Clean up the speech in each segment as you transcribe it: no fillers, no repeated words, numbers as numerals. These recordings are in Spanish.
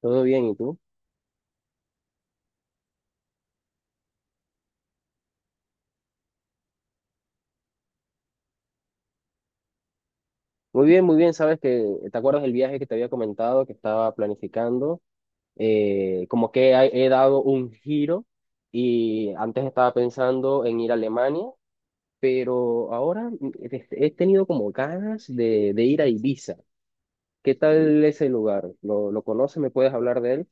Todo bien, ¿y tú? Muy bien, muy bien. Sabes que, ¿te acuerdas del viaje que te había comentado que estaba planificando? Como que he dado un giro y antes estaba pensando en ir a Alemania, pero ahora he tenido como ganas de ir a Ibiza. ¿Qué tal ese lugar? ¿Lo conoces? ¿Me puedes hablar de él?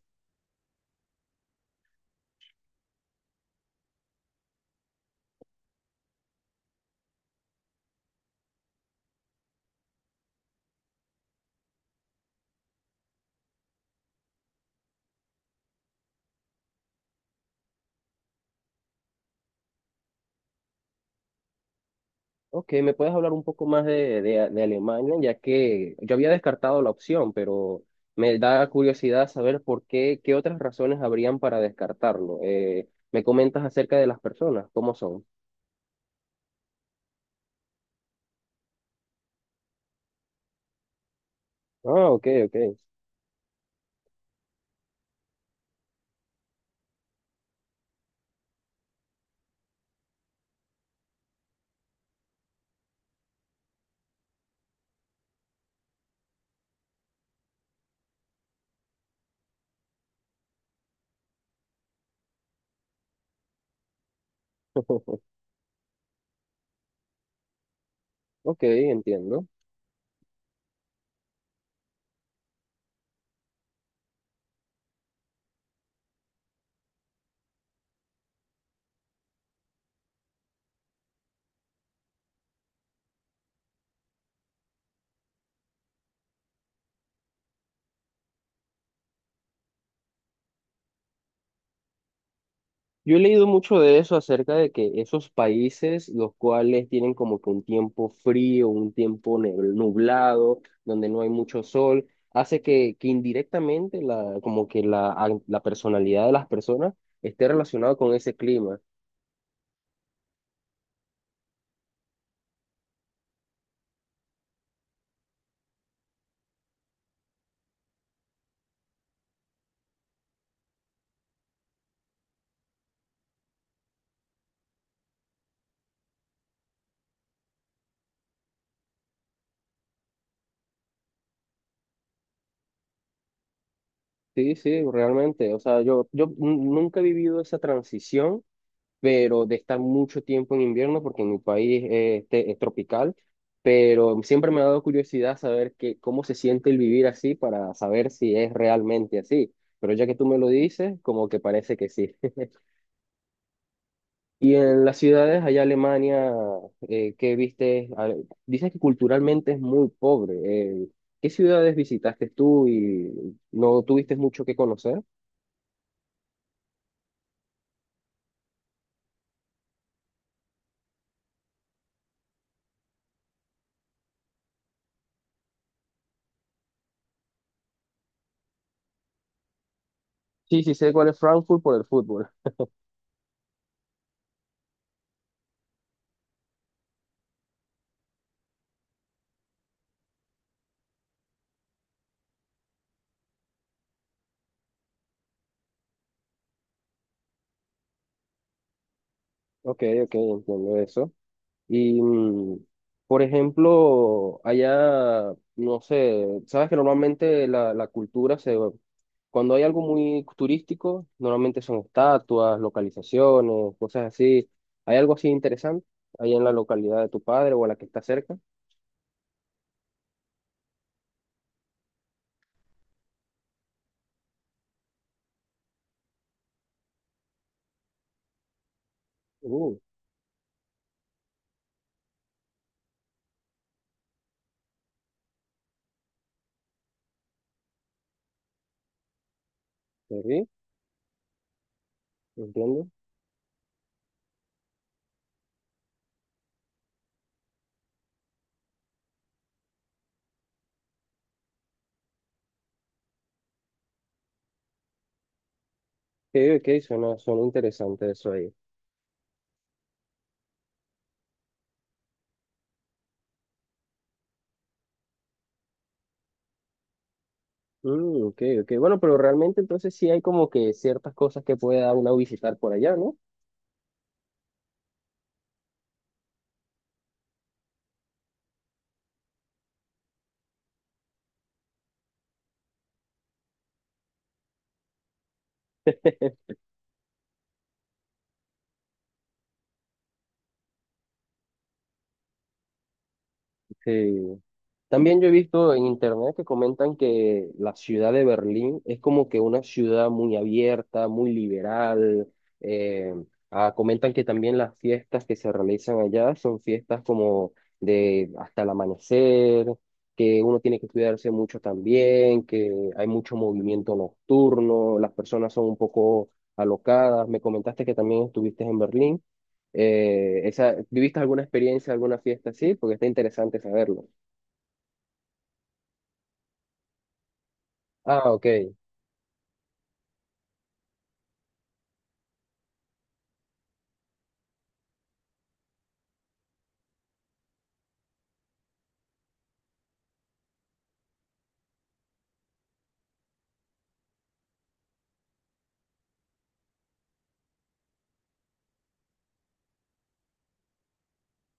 Ok, ¿me puedes hablar un poco más de Alemania? Ya que yo había descartado la opción, pero me da curiosidad saber por qué, qué otras razones habrían para descartarlo. ¿Me comentas acerca de las personas? ¿Cómo son? Ah, ok, ok. Ok, entiendo. Yo he leído mucho de eso acerca de que esos países, los cuales tienen como que un tiempo frío, un nublado, donde no hay mucho sol, hace que indirectamente la, como que la personalidad de las personas esté relacionada con ese clima. Sí, sí, realmente. O sea, nunca he vivido esa transición pero de estar mucho tiempo en invierno porque en mi país es tropical, pero siempre me ha dado curiosidad saber que, cómo se siente el vivir así para saber si es realmente así. Pero ya que tú me lo dices, como que parece que sí. Y en las ciudades allá en Alemania, ¿qué viste? Ah, dices que culturalmente es muy pobre. ¿Qué ciudades visitaste tú y no tuviste mucho que conocer? Sí, sí sé cuál es Frankfurt por el fútbol. Ok, ok, entiendo eso. Y, mm, por ejemplo, allá, no sé, sabes que normalmente la cultura se... Cuando hay algo muy turístico, normalmente son estatuas, localizaciones, cosas así. ¿Hay algo así interesante ahí en la localidad de tu padre o a la que está cerca? Uh, sí, entiendo. Ok, ok, suena, suena interesante eso ahí. Mm, ok, ok. Bueno, pero realmente entonces sí hay como que ciertas cosas que pueda uno visitar por allá, ¿no? Sí. También yo he visto en internet que comentan que la ciudad de Berlín es como que una ciudad muy abierta, muy liberal. eh, Comentan que también las fiestas que se realizan allá son fiestas como de hasta el amanecer, que uno tiene que cuidarse mucho también, que hay mucho movimiento nocturno, las personas son un poco alocadas. Me comentaste que también estuviste en Berlín. ¿Viviste alguna experiencia, alguna fiesta así? Porque está interesante saberlo. Ah, ok.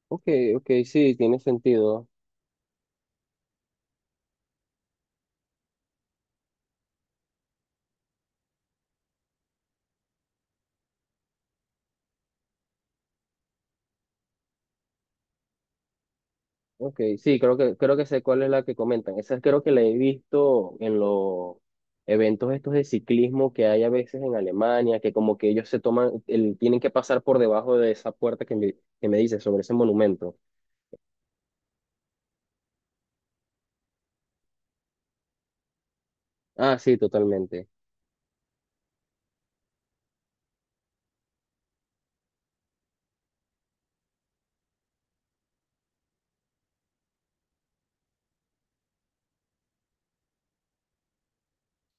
Ok, ok, sí, tiene sentido. Ok, sí, creo que sé cuál es la que comentan. Esa creo que la he visto en los eventos estos de ciclismo que hay a veces en Alemania, que como que ellos se toman, tienen que pasar por debajo de esa puerta que me dice sobre ese monumento. Ah, sí, totalmente.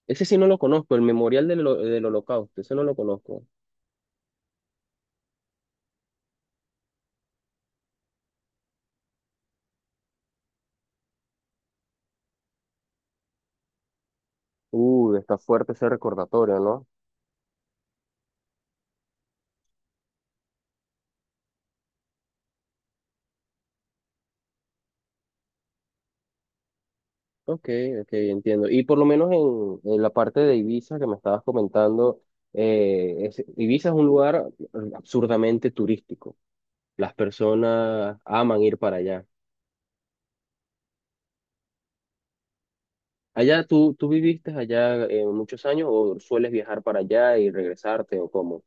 Ese sí no lo conozco, el Memorial del Holocausto, ese no lo conozco. Está fuerte ese recordatorio. Ok, ok, entiendo. Y por lo menos en la parte de Ibiza que me estabas comentando, Ibiza es un lugar absurdamente turístico. Las personas aman ir para allá. Allá, ¿tú viviste allá muchos años o sueles viajar para allá y regresarte o cómo?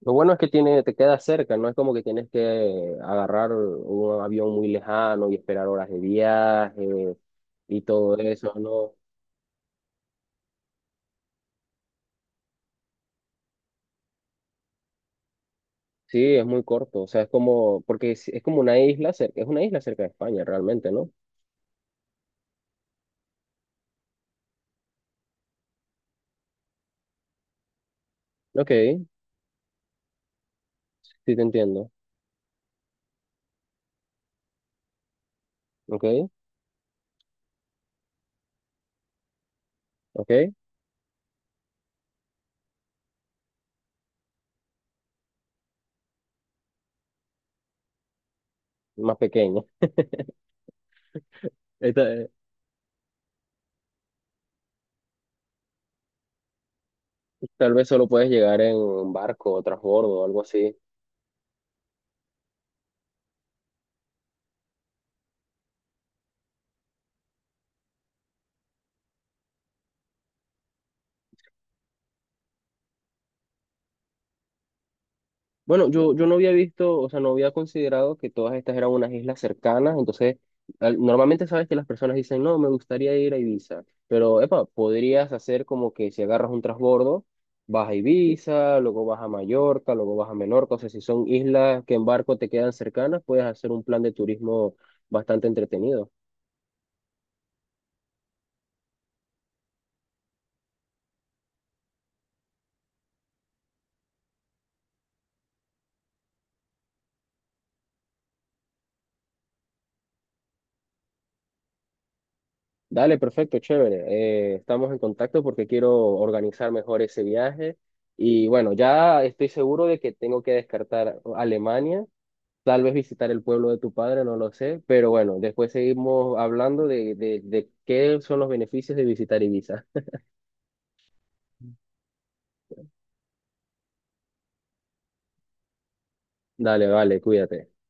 Lo bueno es que tiene, te queda cerca, no es como que tienes que agarrar un avión muy lejano y esperar horas de viaje y todo eso, ¿no? Sí, es muy corto, o sea, es como, porque es como una isla cerca, es una isla cerca de España realmente, ¿no? Ok, sí te entiendo, ok, ok, más pequeña. Esta- eh, Tal vez solo puedes llegar en un barco o transbordo o algo así. Bueno, yo no había visto, o sea, no había considerado que todas estas eran unas islas cercanas, entonces normalmente sabes que las personas dicen, no, me gustaría ir a Ibiza, pero, epa, podrías hacer como que si agarras un transbordo, vas a Ibiza, luego vas a Mallorca, luego vas a Menorca, o sea, si son islas que en barco te quedan cercanas, puedes hacer un plan de turismo bastante entretenido. Dale, perfecto, chévere, estamos en contacto porque quiero organizar mejor ese viaje. Y bueno, ya estoy seguro de que tengo que descartar Alemania. Tal vez visitar el pueblo de tu padre, no lo sé, pero bueno, después seguimos hablando de qué son los beneficios de visitar Ibiza. Dale, vale, cuídate.